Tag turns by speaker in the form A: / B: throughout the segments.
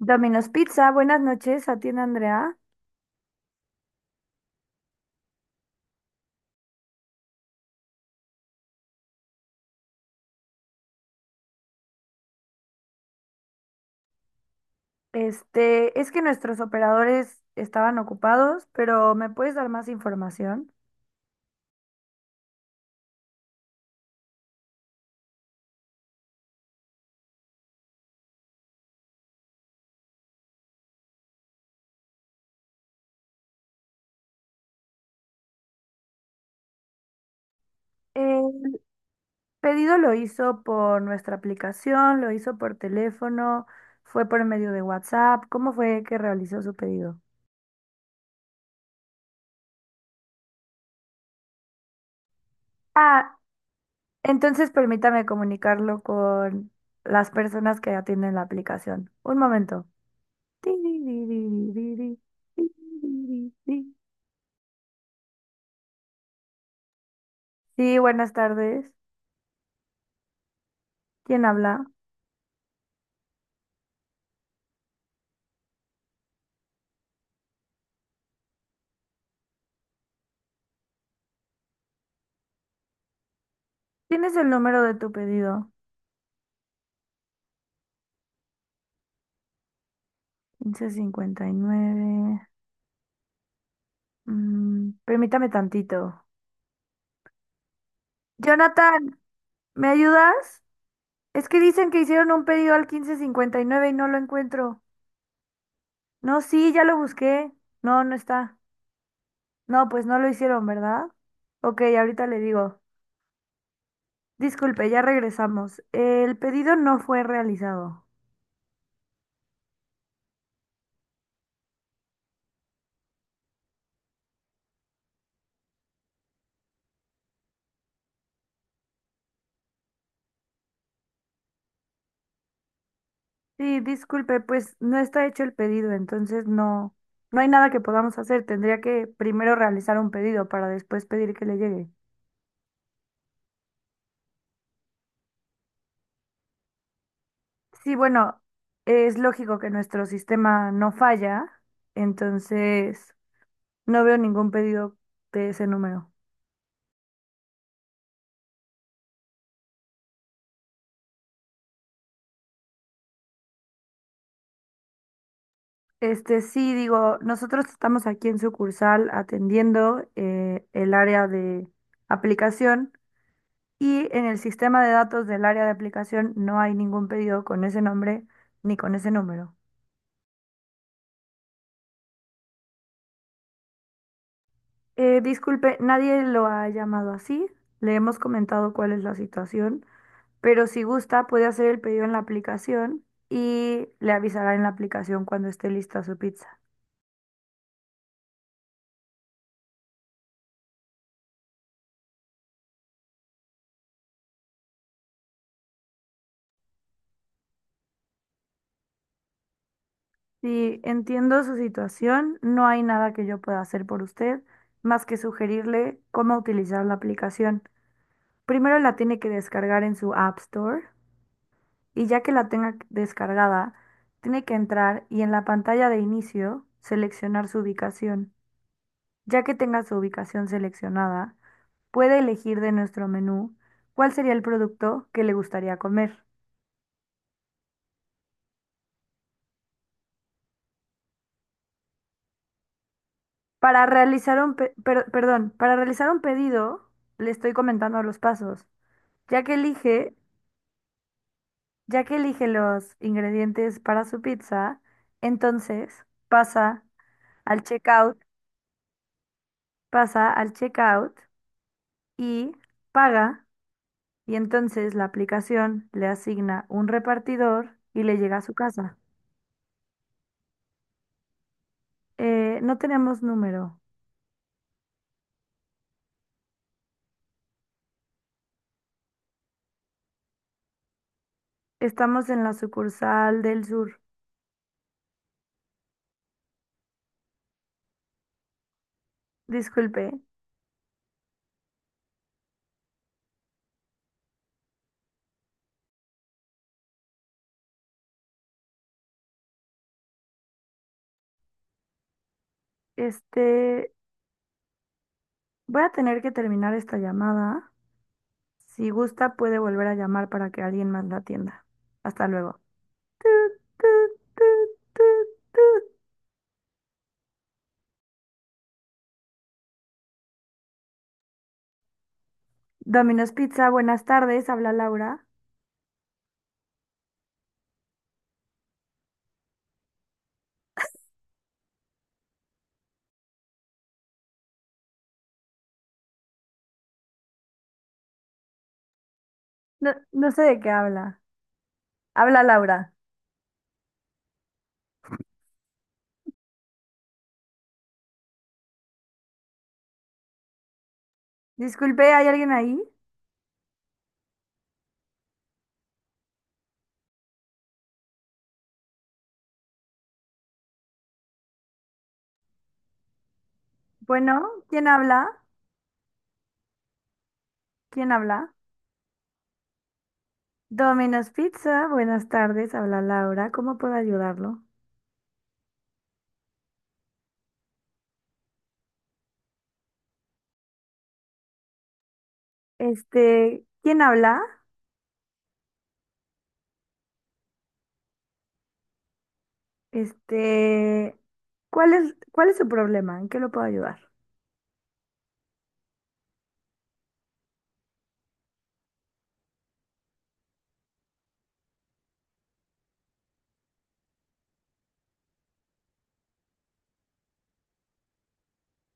A: Domino's Pizza, buenas noches, atiende Andrea. Es que nuestros operadores estaban ocupados, pero ¿me puedes dar más información? El pedido lo hizo por nuestra aplicación, lo hizo por teléfono, fue por medio de WhatsApp. ¿Cómo fue que realizó su pedido? Ah, entonces permítame comunicarlo con las personas que atienden la aplicación. Un momento. Sí, buenas tardes. ¿Quién habla? Tienes el número de tu pedido. 1559. Permítame tantito. Jonathan, ¿me ayudas? Es que dicen que hicieron un pedido al 1559 y nueve y no lo encuentro. No, sí, ya lo busqué. No, no está. No, pues no lo hicieron, ¿verdad? Ok, ahorita le digo. Disculpe, ya regresamos. El pedido no fue realizado. Sí, disculpe, pues no está hecho el pedido, entonces no, no hay nada que podamos hacer. Tendría que primero realizar un pedido para después pedir que le llegue. Sí, bueno, es lógico que nuestro sistema no falla, entonces no veo ningún pedido de ese número. Este sí, digo, nosotros estamos aquí en sucursal atendiendo el área de aplicación y en el sistema de datos del área de aplicación no hay ningún pedido con ese nombre ni con ese número. Disculpe, nadie lo ha llamado así. Le hemos comentado cuál es la situación, pero si gusta puede hacer el pedido en la aplicación y le avisará en la aplicación cuando esté lista su pizza. Si entiendo su situación, no hay nada que yo pueda hacer por usted más que sugerirle cómo utilizar la aplicación. Primero la tiene que descargar en su App Store y ya que la tenga descargada, tiene que entrar y en la pantalla de inicio seleccionar su ubicación. Ya que tenga su ubicación seleccionada, puede elegir de nuestro menú cuál sería el producto que le gustaría comer. Para realizar un perdón, para realizar un pedido, le estoy comentando los pasos. Ya que elige, ya que elige los ingredientes para su pizza, entonces pasa al checkout, pasa al checkout y paga, y entonces la aplicación le asigna un repartidor y le llega a su casa. No tenemos número. Estamos en la sucursal del sur. Disculpe, este, voy a tener que terminar esta llamada. Si gusta, puede volver a llamar para que alguien más la atienda. Hasta luego. Tut, tut, tut, tut, tut. Domino's Pizza, buenas tardes. ¿Habla Laura? No, no sé de qué habla. Habla Laura. Disculpe, ¿hay alguien ahí? Bueno, ¿quién habla? ¿Quién habla? Domino's Pizza, buenas tardes. Habla Laura. ¿Cómo puedo ayudarlo? ¿Quién habla? Este, ¿Cuál es su problema? ¿En qué lo puedo ayudar?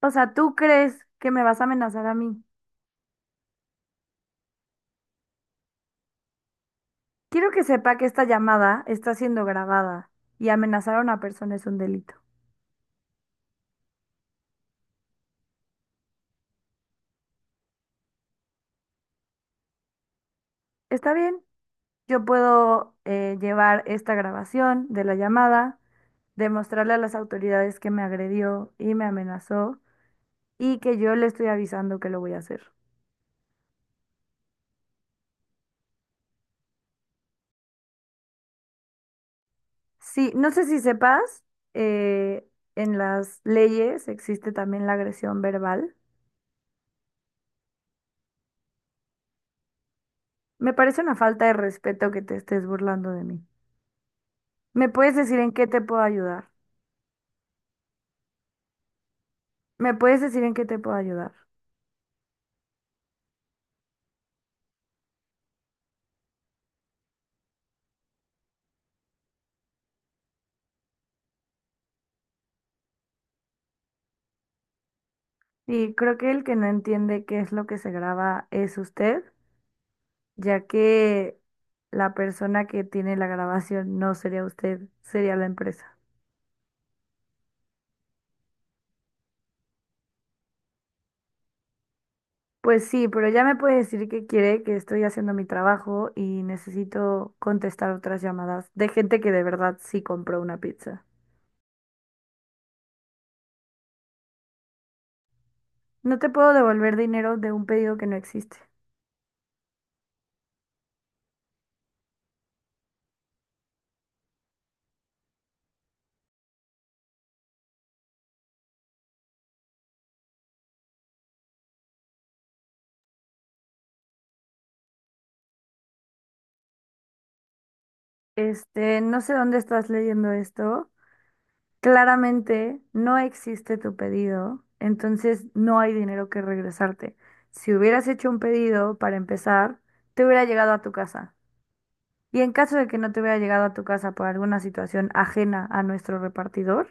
A: O sea, ¿tú crees que me vas a amenazar a mí? Quiero que sepa que esta llamada está siendo grabada y amenazar a una persona es un delito. Está bien, yo puedo llevar esta grabación de la llamada, demostrarle a las autoridades que me agredió y me amenazó y que yo le estoy avisando que lo voy a hacer. Sí, no sé si sepas, eh, en las leyes existe también la agresión verbal. Me parece una falta de respeto que te estés burlando de mí. ¿Me puedes decir en qué te puedo ayudar? ¿Me puedes decir en qué te puedo ayudar? Y creo que el que no entiende qué es lo que se graba es usted, ya que la persona que tiene la grabación no sería usted, sería la empresa. Pues sí, pero ya me puede decir que quiere, que estoy haciendo mi trabajo y necesito contestar otras llamadas de gente que de verdad sí compró una pizza. No te puedo devolver dinero de un pedido que no existe. Este, no sé dónde estás leyendo esto. Claramente no existe tu pedido, entonces no hay dinero que regresarte. Si hubieras hecho un pedido para empezar, te hubiera llegado a tu casa. Y en caso de que no te hubiera llegado a tu casa por alguna situación ajena a nuestro repartidor,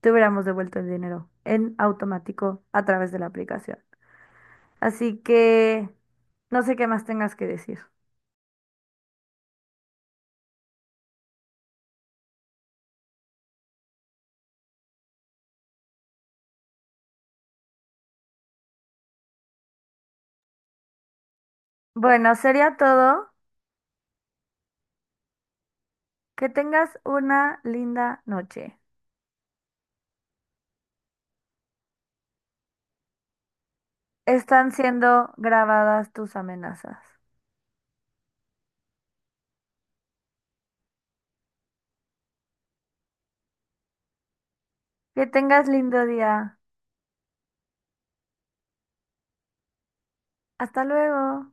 A: te hubiéramos devuelto el dinero en automático a través de la aplicación. Así que no sé qué más tengas que decir. Bueno, sería todo. Que tengas una linda noche. Están siendo grabadas tus amenazas. Que tengas lindo día. Hasta luego.